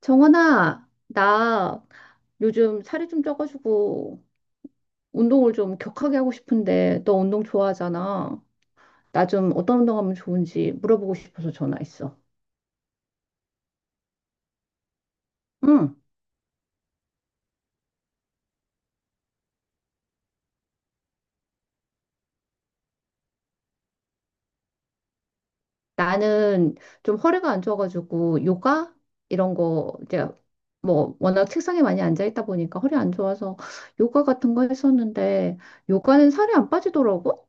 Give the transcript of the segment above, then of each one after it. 정원아, 나 요즘 살이 좀 쪄가지고 운동을 좀 격하게 하고 싶은데 너 운동 좋아하잖아. 나 좀 어떤 운동하면 좋은지 물어보고 싶어서 전화했어. 응. 나는 좀 허리가 안 좋아가지고 요가 이런 거 이제 뭐 워낙 책상에 많이 앉아 있다 보니까 허리 안 좋아서 요가 같은 거 했었는데 요가는 살이 안 빠지더라고.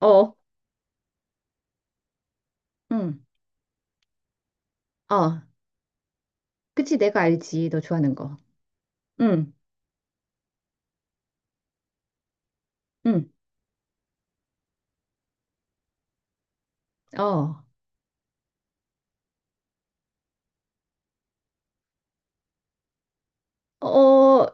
어. 응. 어. 그치, 내가 알지. 너 좋아하는 거. 응. 응. 어. 어,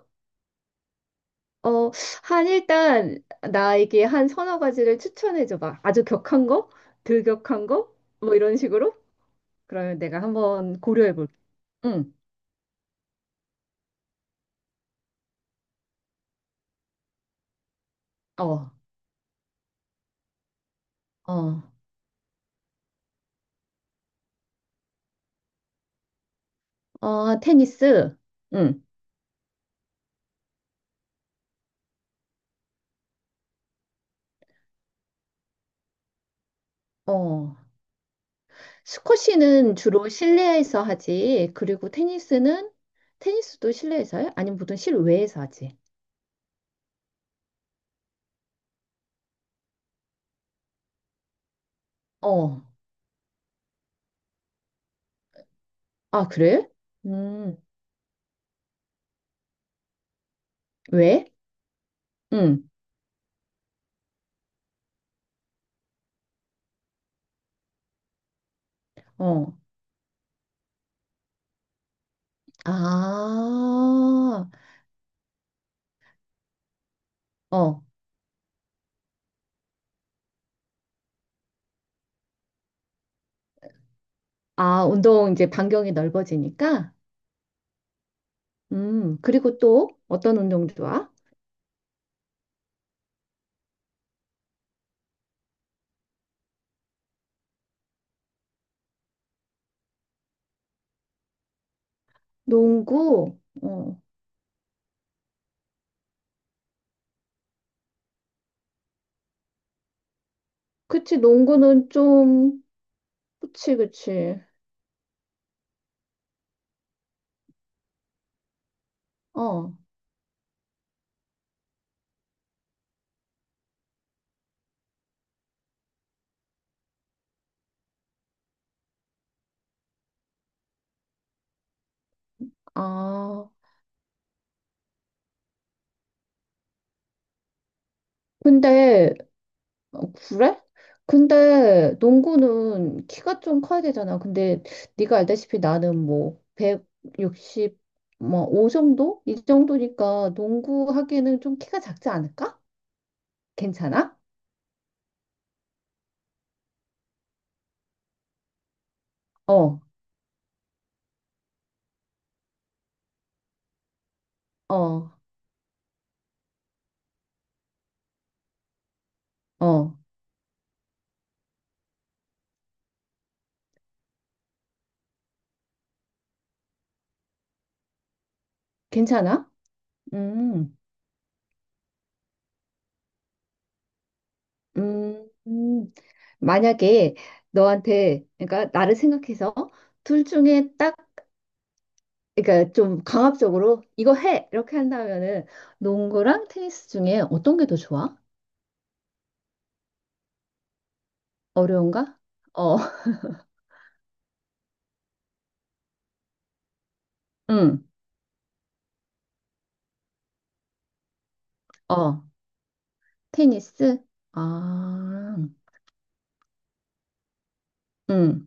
어, 한 일단 나에게 한 서너 가지를 추천해 줘봐. 아주 격한 거? 덜 격한 거? 뭐 이런 식으로? 그러면 내가 한번 고려해 볼게. 응. 어. 어. 어, 테니스. 응. 어. 스쿼시는 주로 실내에서 하지. 그리고 테니스는 테니스도 실내에서 해? 아니면 보통 실외에서 하지? 어. 아, 그래? 음. 왜? 응. 어. 아. 어. 아, 운동 이제 반경이 넓어지니까? 그리고 또 어떤 운동 좋아? 농구? 어, 그치, 농구는 좀, 그치, 그치. 어, 아, 근데, 어, 그래? 근데 농구는 키가 좀 커야 되잖아. 근데 네가 알다시피 나는 뭐, 160, 뭐, 5 정도? 이 정도니까 농구 하기에는 좀 키가 작지 않을까? 괜찮아? 어, 어, 어, 괜찮아? 음. 음, 음, 만약에 너한테, 그러니까 나를 생각해서 둘 중에 딱, 그러니까 좀 강압적으로 이거 해! 이렇게 한다면은 농구랑 테니스 중에 어떤 게 더 좋아? 어려운가? 어, 응, 어, 테니스? 아, 응,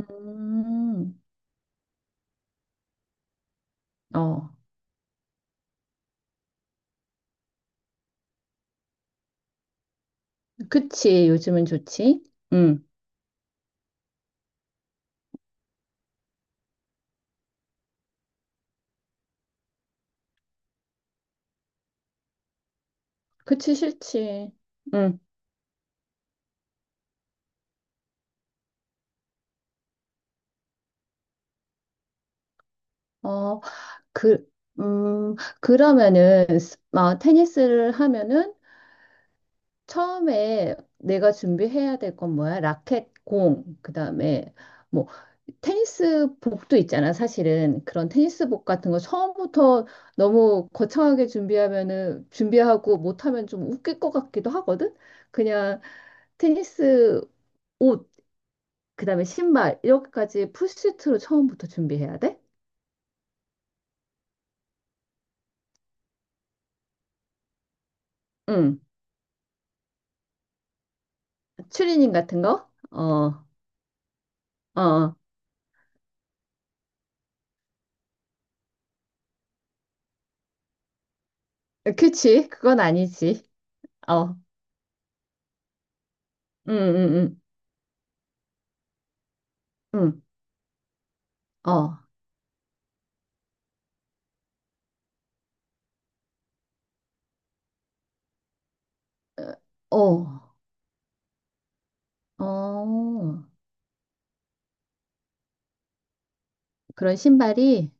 음, 어, 그치, 요즘은 좋지? 응, 그치, 싫지. 응, 어, 그, 음, 그러면은, 아, 테니스를 하면은 처음에 내가 준비해야 될 건 뭐야? 라켓, 공, 그다음에 뭐 테니스 복도 있잖아, 사실은. 그런 테니스 복 같은 거 처음부터 너무 거창하게 준비하면은 준비하고 못하면 좀 웃길 것 같기도 하거든. 그냥 테니스 옷, 그다음에 신발 이렇게까지 풀세트로 처음부터 준비해야 돼? 응. 추리닝 같은 거? 어. 어. 그치. 그건 아니지. 어. 응, 응, 응. 응. 어. 어, 어, 그런 신발이,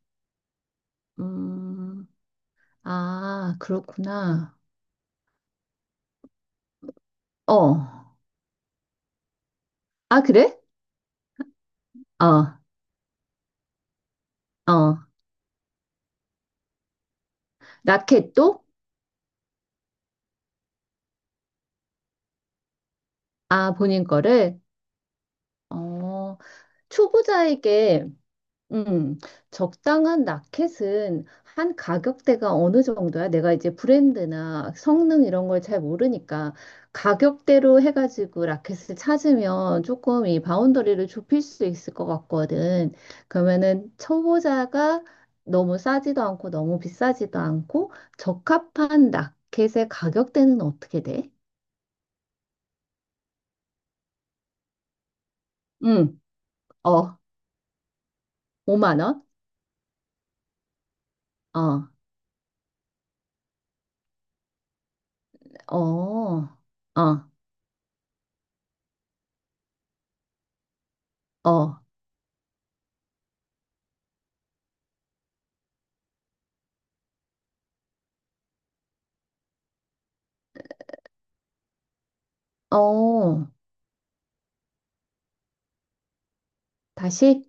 음, 아, 그렇구나. 어, 아, 그래? 어, 어, 라켓도? 아, 본인 거를? 어, 초보자에게 음, 적당한 라켓은 한 가격대가 어느 정도야? 내가 이제 브랜드나 성능 이런 걸 잘 모르니까 가격대로 해가지고 라켓을 찾으면 조금 이 바운더리를 좁힐 수 있을 것 같거든. 그러면은 초보자가 너무 싸지도 않고 너무 비싸지도 않고 적합한 라켓의 가격대는 어떻게 돼? 응, 어, 5만 원? 어, 어, 어, 어, 어, 다시?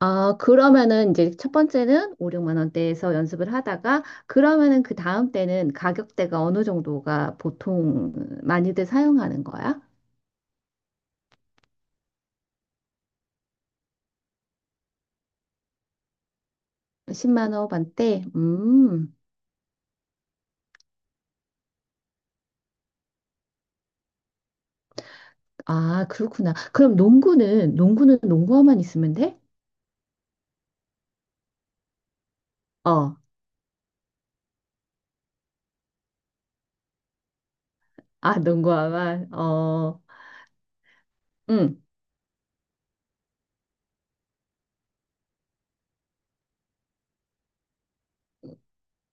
아, 그러면은 이제 첫 번째는 5, 6만 원대에서 연습을 하다가 그러면은 그 다음 때는 가격대가 어느 정도가 보통 많이들 사용하는 거야? 10만 원반대? 음. 아, 그렇구나. 그럼 농구는 농구화만 있으면 돼? 어. 아, 농구화만. 어. 음.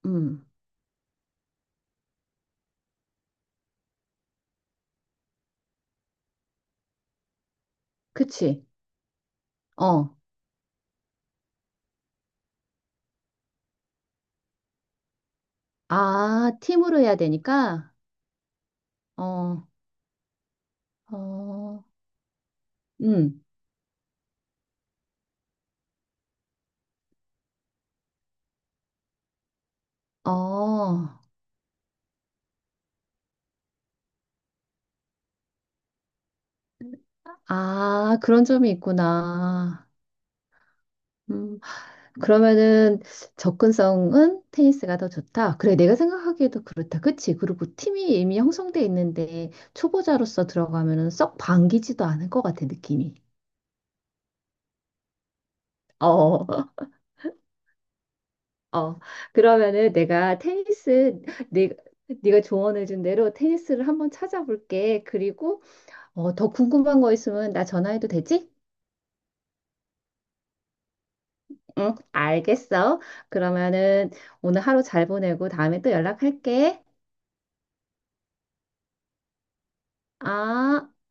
음. 그치. 어. 아, 팀으로 해야 되니까. 어. 어. 음. 어. 아, 그런 점이 있구나. 음, 그러면은 접근성은 테니스가 더 좋다. 그래, 내가 생각하기에도 그렇다. 그치? 그리고 팀이 이미 형성돼 있는데 초보자로서 들어가면은 썩 반기지도 않을 것 같아, 느낌이. 어, 어. 그러면은 내가 테니스, 네, 네가 조언해준 대로 테니스를 한번 찾아볼게. 그리고 어, 더 궁금한 거 있으면 나 전화해도 되지? 응, 알겠어. 그러면은 오늘 하루 잘 보내고 다음에 또 연락할게. 아.